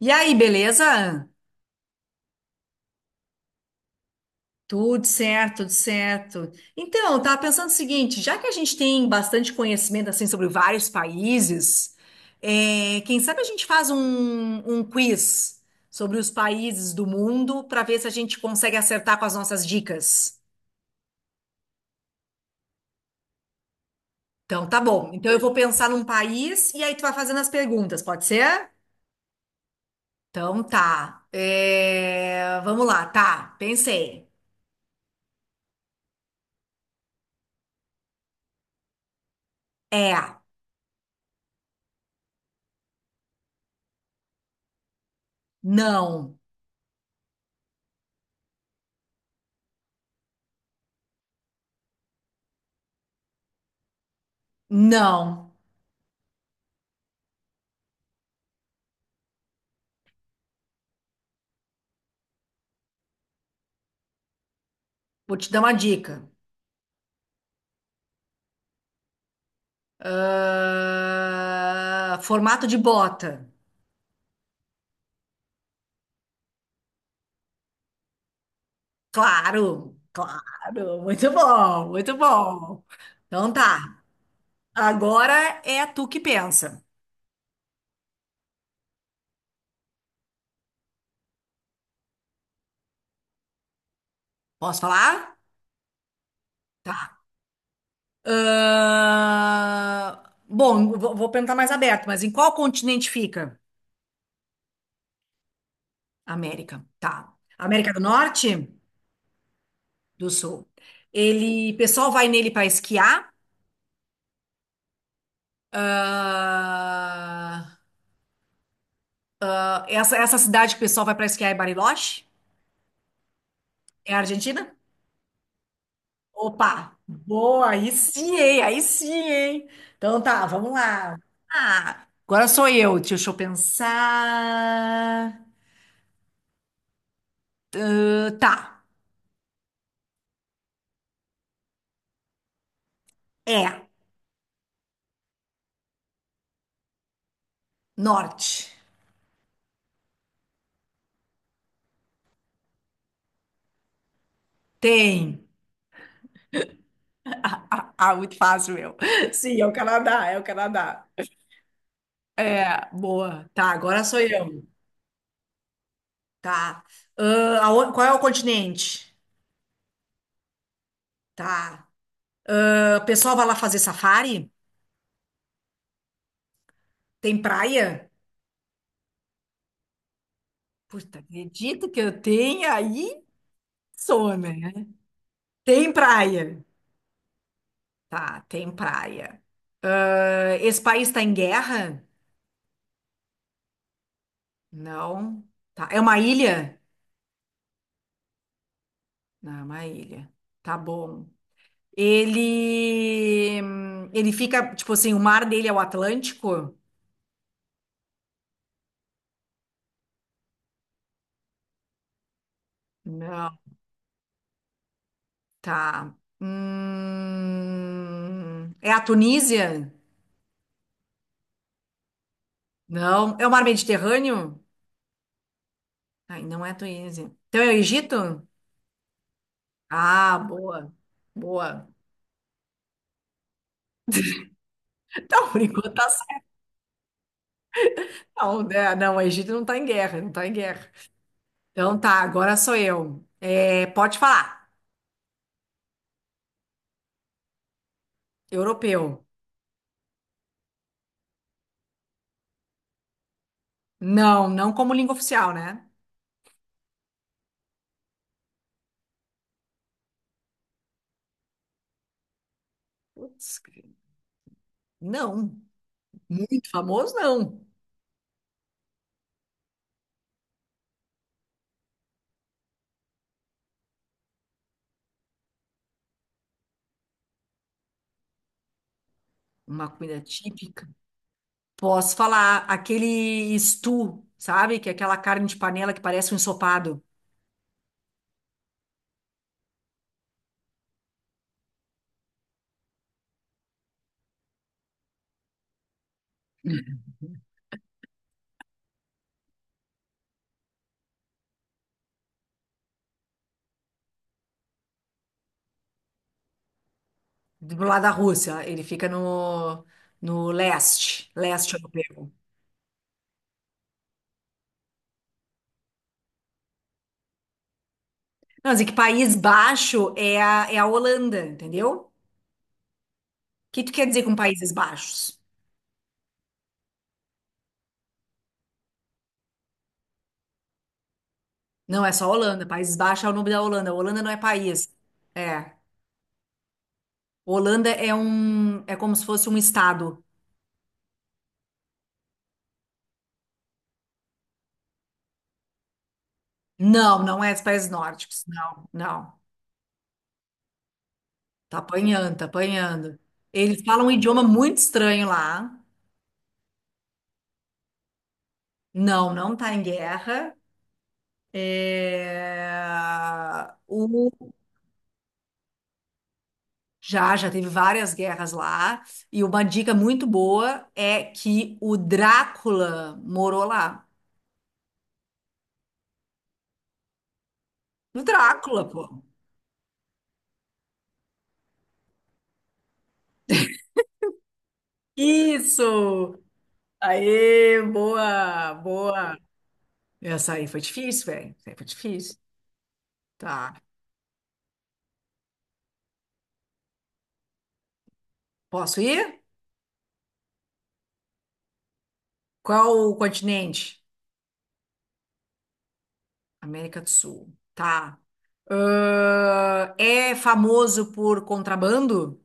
E aí, beleza? Tudo certo, tudo certo. Então, eu tava pensando o seguinte, já que a gente tem bastante conhecimento assim sobre vários países, quem sabe a gente faz um quiz sobre os países do mundo para ver se a gente consegue acertar com as nossas dicas. Então, tá bom. Então, eu vou pensar num país e aí tu vai fazendo as perguntas, pode ser? Então, tá. É, vamos lá, tá. Pensei. É, não, não. Vou te dar uma dica. Ah, formato de bota. Claro, claro. Muito bom, muito bom. Então tá. Agora é tu que pensa. Posso falar? Tá. Ah, bom, vou perguntar mais aberto, mas em qual continente fica? América. Tá. América do Norte? Do Sul. Pessoal vai nele para esquiar. Ah, essa cidade que o pessoal vai para esquiar é Bariloche? É a Argentina? Opa, boa, aí sim, hein? Aí sim, hein? Então tá, vamos lá. Ah, agora sou eu, deixa eu pensar. Ah, tá, é, norte. Tem. Ah, ah, ah, muito fácil, meu. Sim, é o Canadá, é o Canadá. É, boa. Tá, agora sou eu. Tá. Ah, qual é o continente? Tá. Ah, o pessoal vai lá fazer safari? Tem praia? Puta, acredito que eu tenha aí. Sou, né? Tem praia. Tá, tem praia. Ah, esse país está em guerra? Não. Tá. É uma ilha? Não, é uma ilha. Tá bom. Ele fica, tipo assim, o mar dele é o Atlântico? Não. Tá. É a Tunísia? Não. É o mar Mediterrâneo? Ai, não é a Tunísia. Então é o Egito? Ah, boa. Boa. Então, por enquanto tá. Não, né? Não, o Egito não tá em guerra, não tá em guerra. Então tá, agora sou eu. É, pode falar. Europeu. Não, não como língua oficial, né? Putz, grilo. Não. Muito famoso, não. Uma comida típica. Posso falar aquele stew, sabe? Que é aquela carne de panela que parece um ensopado do lado da Rússia. Ele fica no leste, leste europeu. Não, mas é que País Baixo é a Holanda, entendeu? O que tu quer dizer com Países Baixos? Não, é só Holanda. Países Baixos é o nome da Holanda. Holanda não é país. É. Holanda é é como se fosse um estado. Não, não é os países nórdicos. Não, não. Tá apanhando, tá apanhando. Eles falam um idioma muito estranho lá. Não, não tá em guerra. É, O... já teve várias guerras lá. E uma dica muito boa é que o Drácula morou lá. O Drácula, pô. Isso! Aê, boa, boa. Essa aí foi difícil, velho. Essa aí foi difícil. Tá. Posso ir? Qual o continente? América do Sul. Tá. É famoso por contrabando?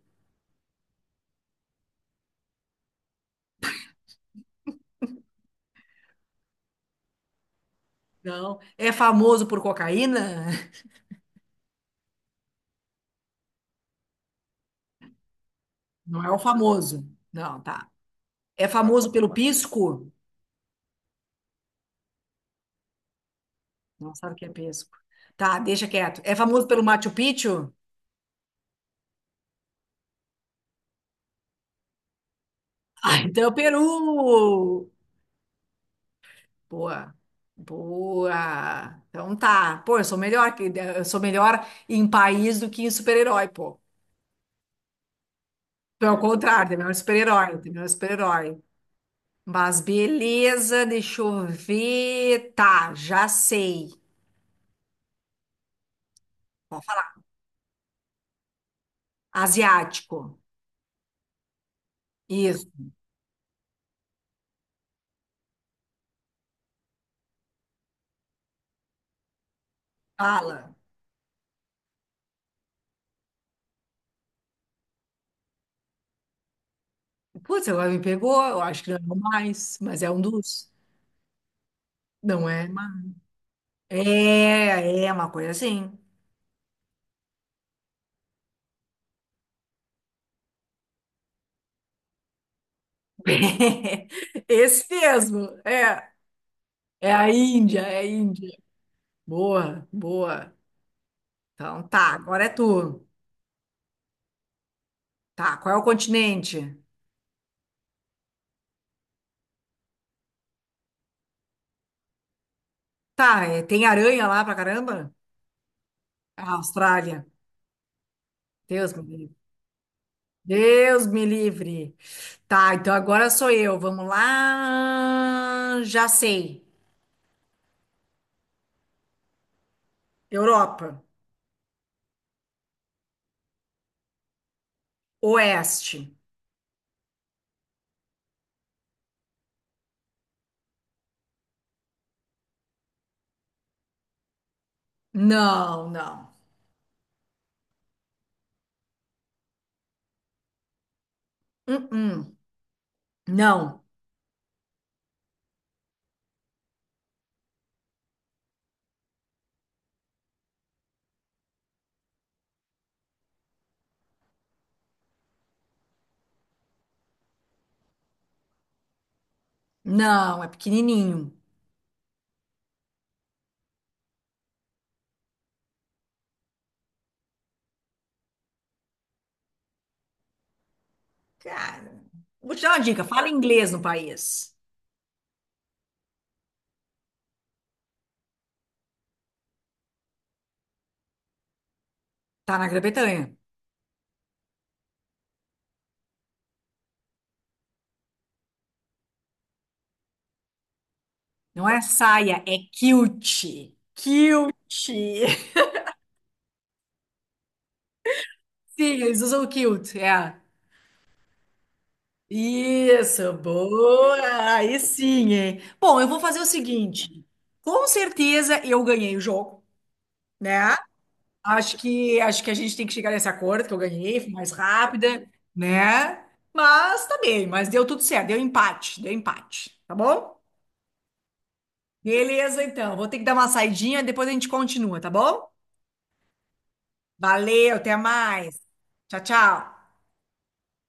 Não. É famoso por cocaína? Não é o famoso. Não, tá. É famoso pelo pisco? Não sabe o que é pisco. Tá, deixa quieto. É famoso pelo Machu Picchu? Ah, então é o Peru! Boa, boa. Então tá. Pô, eu sou melhor em país do que em super-herói, pô. Pelo contrário, tem melhor super-herói, tem melhor super-herói. Mas beleza, deixa eu ver. Tá, já sei. Pode falar. Asiático. Isso, fala. Putz, agora me pegou. Eu acho que não é o mais, mas é um dos. Não é? Mais. É uma coisa assim. Esse mesmo. É a Índia, é a Índia. Boa, boa. Então tá, agora é tu. Tá, qual é o continente? Tá, tem aranha lá pra caramba? Ah, Austrália. Deus me livre. Deus me livre. Tá, então agora sou eu. Vamos lá. Já sei. Europa. Oeste. Não, não. Uh-uh. Não, não. É pequenininho. Cara, vou te dar uma dica. Fala inglês no país. Tá na Grã-Bretanha. Não é saia, é kilt. Kilt. Sim, eles usam kilt, é. Isso, boa! Aí sim, hein? Bom, eu vou fazer o seguinte. Com certeza eu ganhei o jogo, né? Acho que a gente tem que chegar nesse acordo que eu ganhei, fui mais rápida, né? Mas tá bem, mas deu tudo certo, deu empate, tá bom? Beleza, então. Vou ter que dar uma saidinha, depois a gente continua, tá bom? Valeu, até mais. Tchau, tchau.